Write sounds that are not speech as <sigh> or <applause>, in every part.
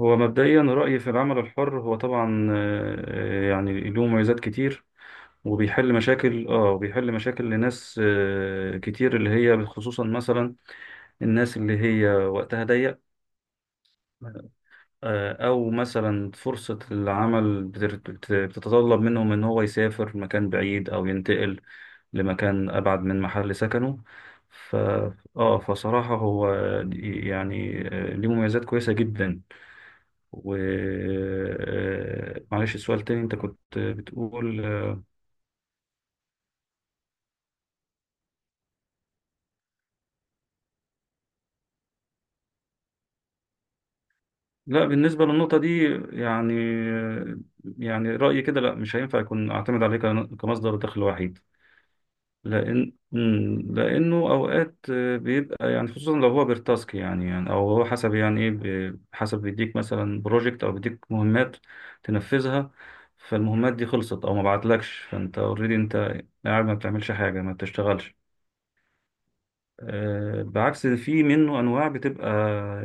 هو مبدئيا رأيي في العمل الحر هو طبعا يعني له مميزات كتير وبيحل مشاكل وبيحل مشاكل لناس كتير اللي هي خصوصا مثلا الناس اللي هي وقتها ضيق. او مثلا فرصة العمل بتتطلب منهم ان هو يسافر مكان بعيد او ينتقل لمكان ابعد من محل سكنه. ف اه فصراحة هو يعني ليه مميزات كويسة جدا. و آه، معلش السؤال تاني انت كنت بتقول. لا بالنسبة للنقطة دي يعني رأيي كده لا مش هينفع يكون أعتمد عليه كمصدر دخل وحيد. لأن لأنه أوقات بيبقى يعني خصوصا لو هو بالتاسك يعني أو هو حسب يعني إيه حسب بيديك مثلا بروجكت أو بيديك مهمات تنفذها. فالمهمات دي خلصت أو ما بعتلكش فأنت أوريدي أنت قاعد ما بتعملش حاجة ما بتشتغلش. بعكس في منه انواع بتبقى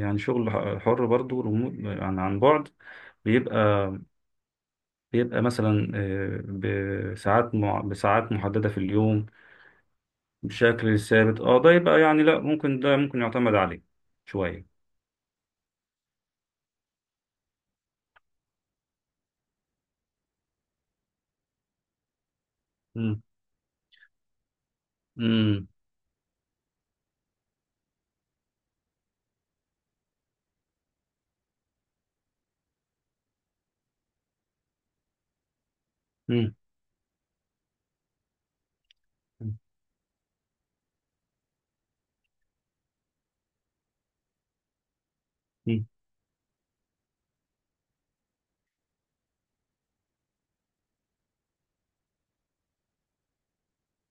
يعني شغل حر برضو ريموت عن بعد. بيبقى مثلا بساعات بساعات محدده في اليوم بشكل ثابت اه. ده يبقى يعني لا ممكن، ده ممكن يعتمد عليه شويه. امم امم امم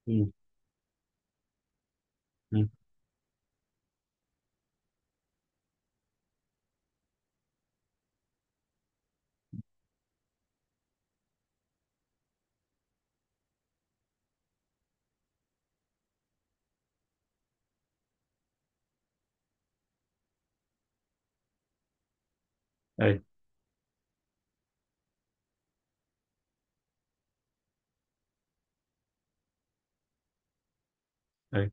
امم امم اي، اي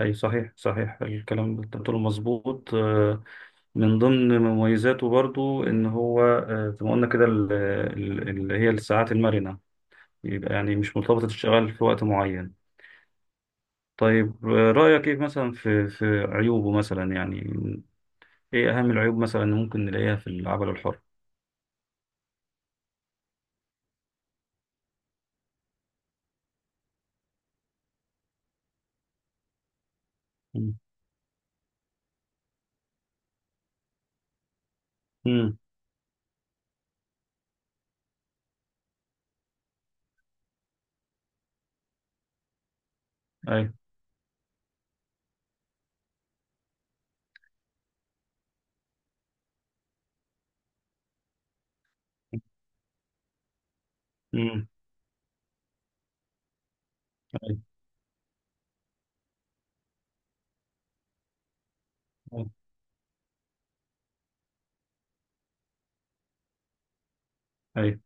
صحيح، الكلام اللي انت بتقوله مظبوط. من ضمن مميزاته برضو ان هو زي ما قلنا كده اللي هي الساعات المرنه، يبقى يعني مش مرتبطة الشغل في وقت معين. طيب رأيك ايه مثلا في عيوبه مثلا؟ يعني ايه أهم العيوب مثلا اللي ممكن نلاقيها في العمل الحر؟ مم. مم. أي. مم. أي أي أي.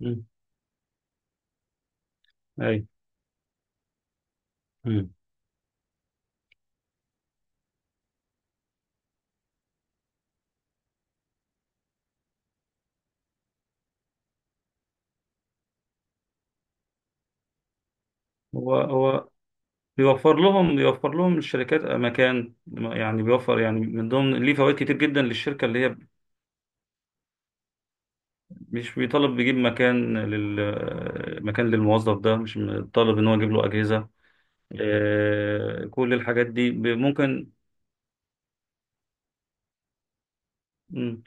مم. أي. مم. هو بيوفر لهم، بيوفر لهم الشركات مكان، يعني بيوفر، يعني من ضمن ليه فوائد كتير جدا للشركة اللي هي مش بيطالب بيجيب مكان لل مكان للموظف ده، مش طالب ان هو يجيب له أجهزة. كل الحاجات دي ممكن. مم.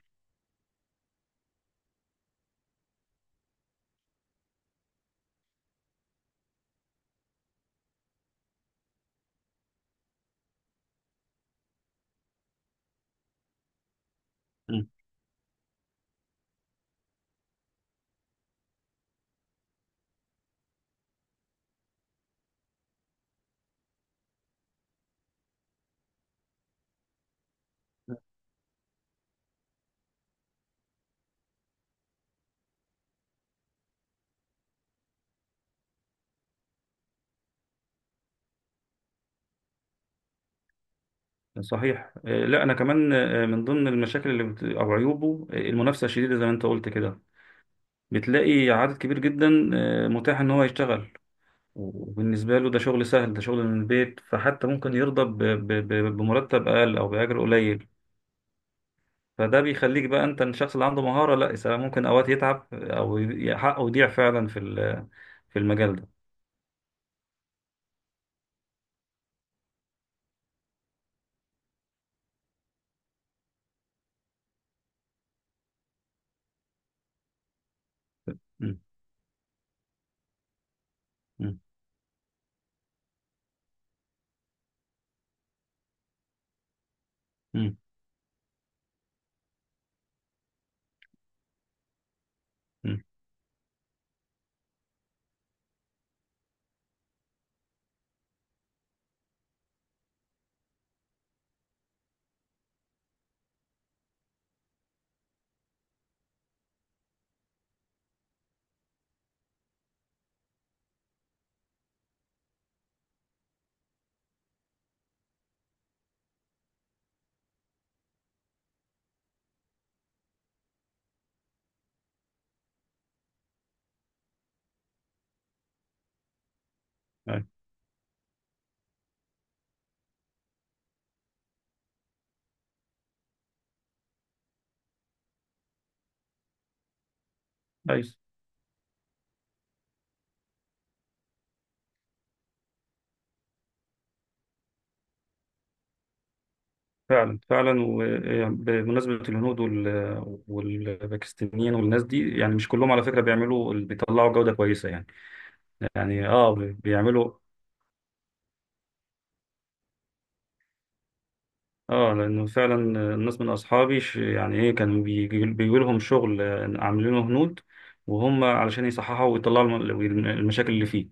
مم. صحيح. لا انا كمان من ضمن المشاكل اللي او عيوبه المنافسه الشديده زي ما انت قلت كده. بتلاقي عدد كبير جدا متاح ان هو يشتغل، وبالنسبه له ده شغل سهل، ده شغل من البيت، فحتى ممكن يرضى بمرتب اقل او باجر قليل. فده بيخليك بقى انت الشخص اللي عنده مهاره لا ممكن اوقات يتعب حقه يضيع فعلا في المجال ده. مم. مم. مم. مم. أيوة. فعلا فعلا. وبمناسبة الهنود والباكستانيين والناس دي، يعني مش كلهم على فكرة بيعملوا، بيطلعوا جودة كويسة يعني. يعني اه بيعملوا اه. لأنه فعلا الناس من أصحابي يعني ايه، كانوا بيجي لهم شغل عاملينه هنود، وهم علشان يصححوا ويطلعوا المشاكل اللي فيه.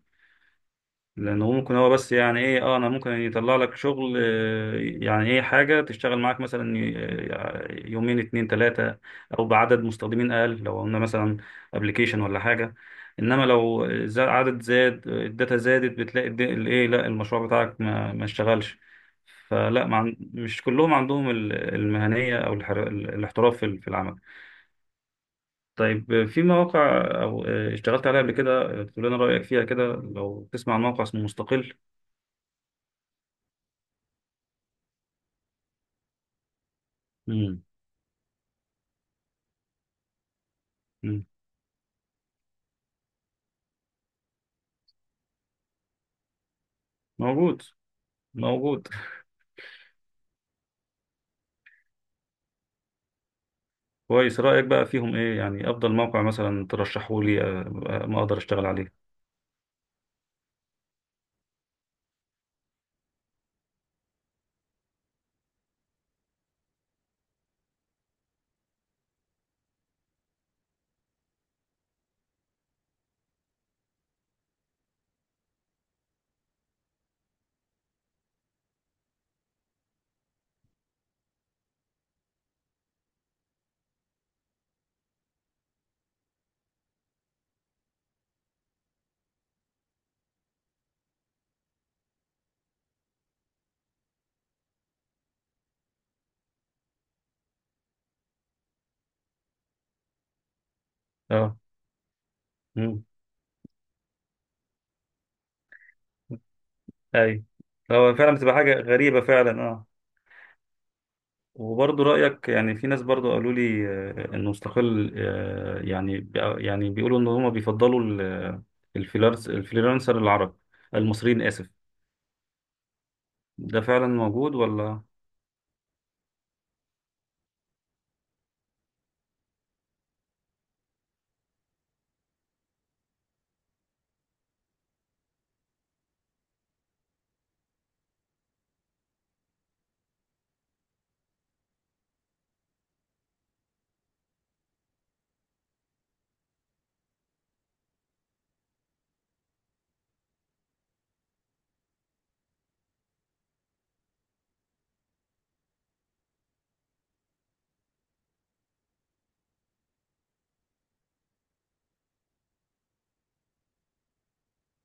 لانه ممكن هو بس يعني ايه، اه انا ممكن يطلع لك شغل يعني ايه حاجه تشتغل معاك مثلا يومين اتنين تلاته، او بعدد مستخدمين اقل لو قلنا مثلا ابلكيشن ولا حاجه. انما لو عدد زاد، الداتا زادت، بتلاقي الد- الايه لا المشروع بتاعك ما اشتغلش. فلا ما عن- مش كلهم عندهم المهنيه او الاحتراف في العمل. طيب في مواقع او اشتغلت عليها قبل كده تقول لنا رايك فيها كده، لو تسمع عن موقع اسمه مستقل. مم. موجود، موجود. <laughs> كويس. رأيك بقى فيهم ايه؟ يعني افضل موقع مثلا ترشحه لي ما اقدر اشتغل عليه. اه. مم. اي، هو فعلا بتبقى حاجة غريبة فعلا اه. وبرضه رأيك يعني في ناس برضه قالوا لي انه مستقل يعني يعني بيقولوا ان هم بيفضلوا الفريلانس، الفريلانسر العرب، المصريين، آسف. ده فعلا موجود ولا؟